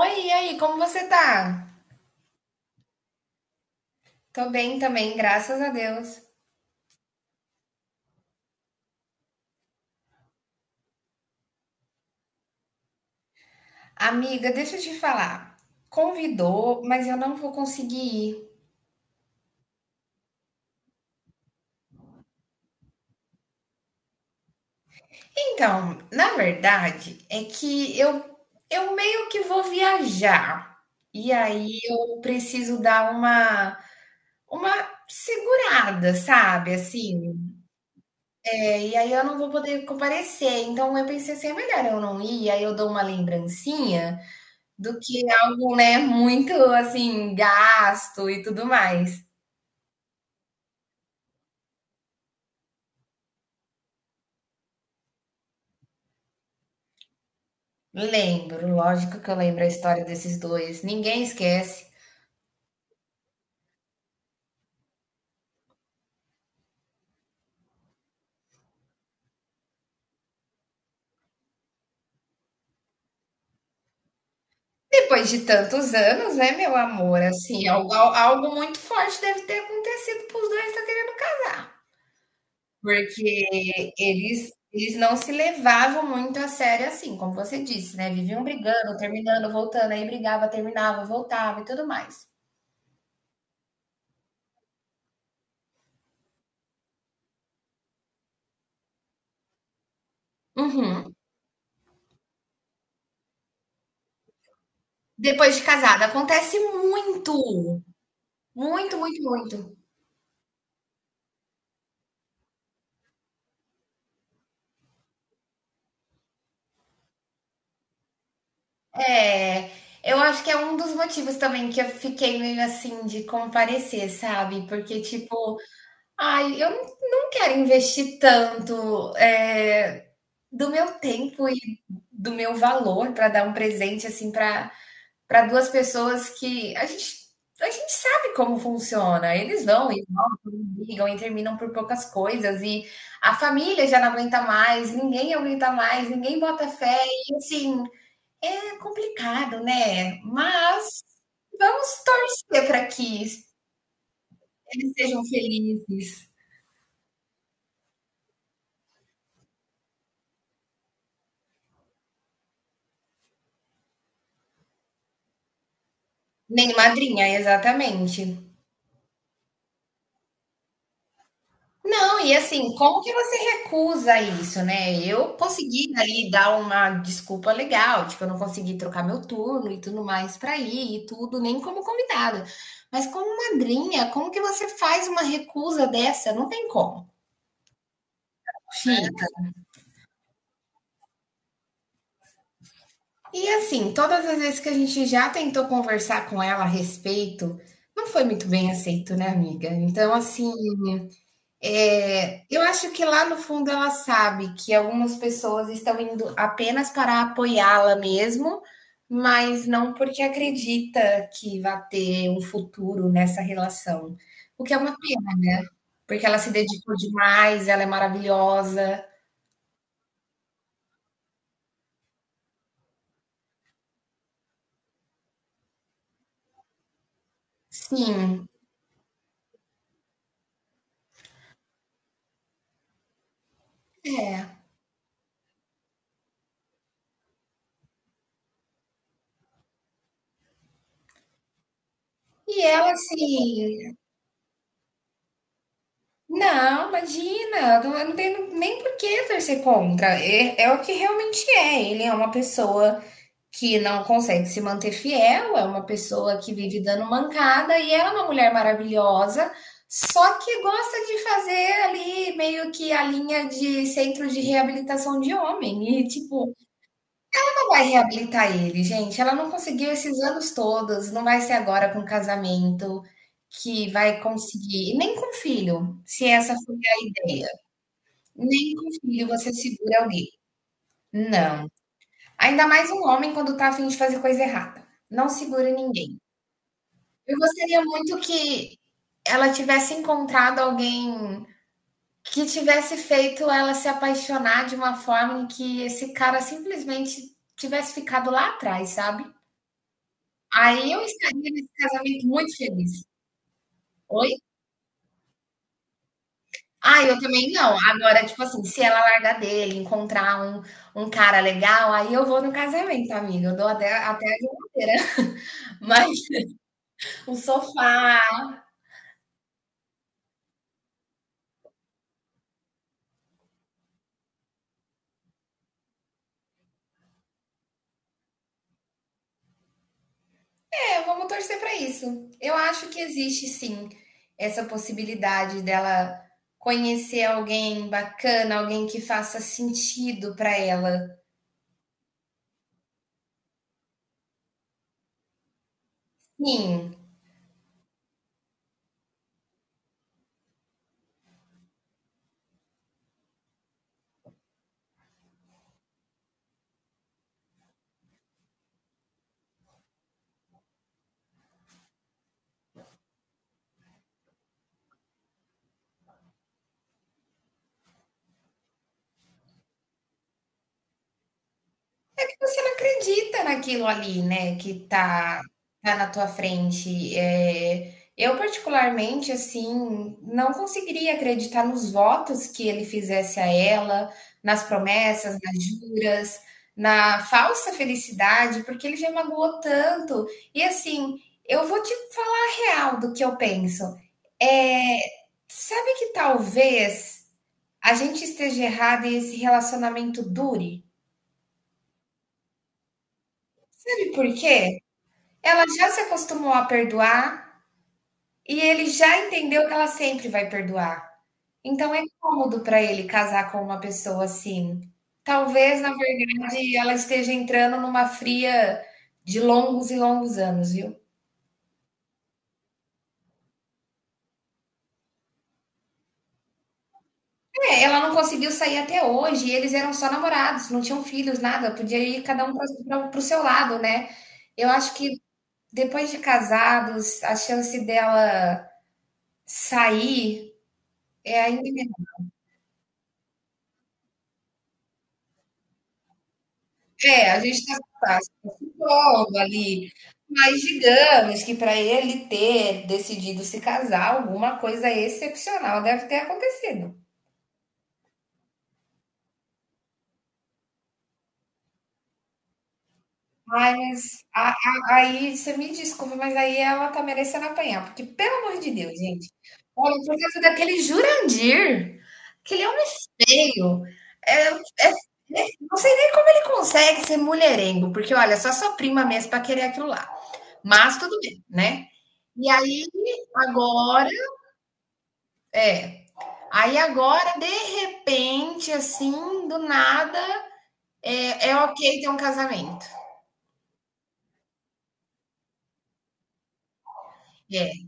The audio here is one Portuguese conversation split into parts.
Oi, e aí, como você tá? Tô bem também, graças a Deus. Amiga, deixa eu te falar. Convidou, mas eu não vou conseguir ir. Então, na verdade, é que eu meio que vou viajar. E aí eu preciso dar uma segurada, sabe? Assim, é, e aí eu não vou poder comparecer. Então eu pensei assim, é melhor eu não ir, aí eu dou uma lembrancinha do que algo, né, muito assim, gasto e tudo mais. Lembro, lógico que eu lembro a história desses dois, ninguém esquece. Depois de tantos anos, né, meu amor? Assim, algo, algo muito forte deve ter acontecido para os dois estar querendo casar. Porque eles não se levavam muito a sério assim, como você disse, né? Viviam brigando, terminando, voltando, aí brigava, terminava, voltava e tudo mais. Uhum. Depois de casada, acontece muito. Muito, muito, muito. É, eu acho que é um dos motivos também que eu fiquei meio assim de comparecer, sabe? Porque, tipo, ai, eu não quero investir tanto, do meu tempo e do meu valor para dar um presente, assim, para para 2 pessoas que a gente sabe como funciona. Eles vão e voltam, e brigam e terminam por poucas coisas, e a família já não aguenta mais, ninguém aguenta mais, ninguém bota fé e, assim, é complicado, né? Mas vamos torcer para que eles sejam felizes. Nem madrinha, exatamente. Não, e assim, como que você recusa isso, né? Eu consegui ali dar uma desculpa legal, tipo, eu não consegui trocar meu turno e tudo mais para ir e tudo, nem como convidada. Mas como madrinha, como que você faz uma recusa dessa? Não tem como. Sim. E assim, todas as vezes que a gente já tentou conversar com ela a respeito, não foi muito bem aceito, né, amiga? Então, assim, é, eu acho que lá no fundo ela sabe que algumas pessoas estão indo apenas para apoiá-la mesmo, mas não porque acredita que vai ter um futuro nessa relação. O que é uma pena, porque ela se dedicou demais, ela é maravilhosa. Sim, é. E ela, assim, não, imagina, eu não tenho nem por que torcer contra. É, é o que realmente é. Ele é uma pessoa que não consegue se manter fiel, é uma pessoa que vive dando mancada e ela é uma mulher maravilhosa, só que gosta de fazer ali meio que a linha de centro de reabilitação de homem. E tipo, vai reabilitar ele, gente. Ela não conseguiu esses anos todos, não vai ser agora com casamento que vai conseguir, e nem com filho, se essa foi a ideia. Nem com filho você segura alguém. Não. Ainda mais um homem quando tá a fim de fazer coisa errada. Não segura ninguém. Eu gostaria muito que ela tivesse encontrado alguém que tivesse feito ela se apaixonar de uma forma em que esse cara simplesmente tivesse ficado lá atrás, sabe? Aí eu estaria nesse casamento muito feliz. Oi? Ah, eu também não. Agora, tipo assim, se ela largar dele, encontrar um, um cara legal, aí eu vou no casamento, amiga. Eu dou até, até a geladeira. Mas o sofá. É, vamos torcer pra isso. Eu acho que existe sim essa possibilidade dela conhecer alguém bacana, alguém que faça sentido pra ela. Sim. Você não acredita naquilo ali, né, que tá na tua frente. Eu particularmente, assim, não conseguiria acreditar nos votos que ele fizesse a ela, nas promessas, nas juras, na falsa felicidade, porque ele já magoou tanto. E assim, eu vou te falar a real do que eu penso. Eh, sabe que talvez a gente esteja errado e esse relacionamento dure? Sabe por quê? Ela já se acostumou a perdoar e ele já entendeu que ela sempre vai perdoar. Então é cômodo para ele casar com uma pessoa assim. Talvez, na verdade, ela esteja entrando numa fria de longos e longos anos, viu? É, ela não conseguiu sair até hoje, e eles eram só namorados, não tinham filhos, nada, podia ir cada um para o seu lado, né? Eu acho que depois de casados, a chance dela sair é ainda menor. É, a gente tá. Solo ali. Mas digamos que para ele ter decidido se casar, alguma coisa excepcional deve ter acontecido. Mas aí você me desculpa, mas aí ela tá merecendo apanhar, porque pelo amor de Deus, gente, olha, por causa daquele Jurandir, aquele homem feio, não sei nem como ele consegue ser mulherengo, porque olha, só sua prima mesmo para querer aquilo lá. Mas tudo bem, né? E aí, agora, aí agora, de repente, assim, do nada, é, é ok ter um casamento. É.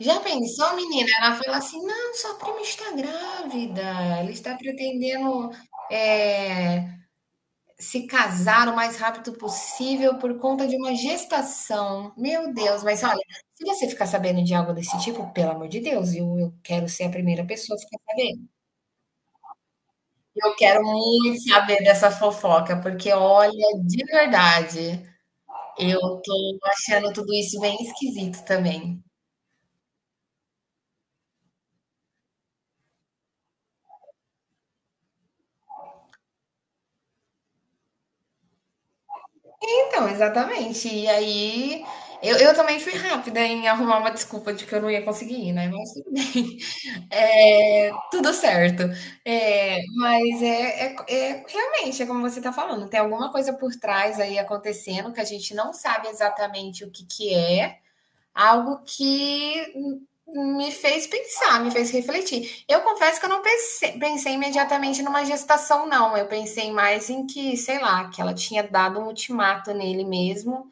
Já pensou, menina? Ela fala assim: não, sua prima está grávida, ela está pretendendo, é, se casar o mais rápido possível por conta de uma gestação. Meu Deus, mas olha, se você ficar sabendo de algo desse tipo, pelo amor de Deus, eu quero ser a primeira pessoa a ficar sabendo. Eu quero muito saber dessa fofoca, porque olha, de verdade. Eu tô achando tudo isso bem esquisito também. Então, exatamente. E aí, eu também fui rápida em arrumar uma desculpa de que eu não ia conseguir ir, né? Mas tudo bem. É, tudo certo. É, mas realmente, é como você está falando, tem alguma coisa por trás aí acontecendo que a gente não sabe exatamente o que que é. Algo que me fez pensar, me fez refletir. Eu confesso que eu não pense- pensei, imediatamente, numa gestação, não. Eu pensei mais em que, sei lá, que ela tinha dado um ultimato nele mesmo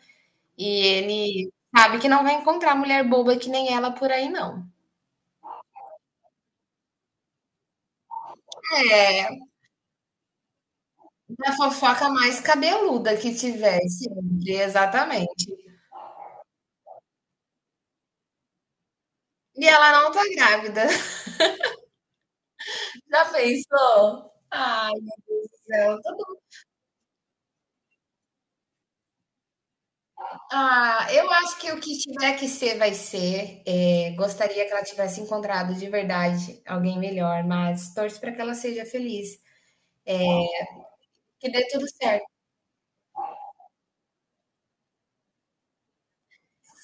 e ele sabe que não vai encontrar mulher boba que nem ela por aí, não. A fofoca mais cabeluda que tivesse, exatamente. E ela não tá grávida. Já pensou? Ai, céu, tô. Ah, eu acho que o que tiver que ser, vai ser. É, gostaria que ela tivesse encontrado de verdade alguém melhor, mas torço para que ela seja feliz, que dê tudo certo.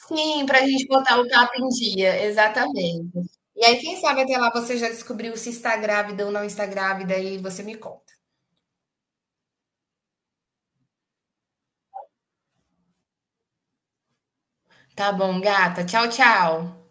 Sim, para a gente botar o papo em dia, exatamente. E aí, quem sabe até lá você já descobriu se está grávida ou não está grávida e você me conta. Tá bom, gata. Tchau, tchau.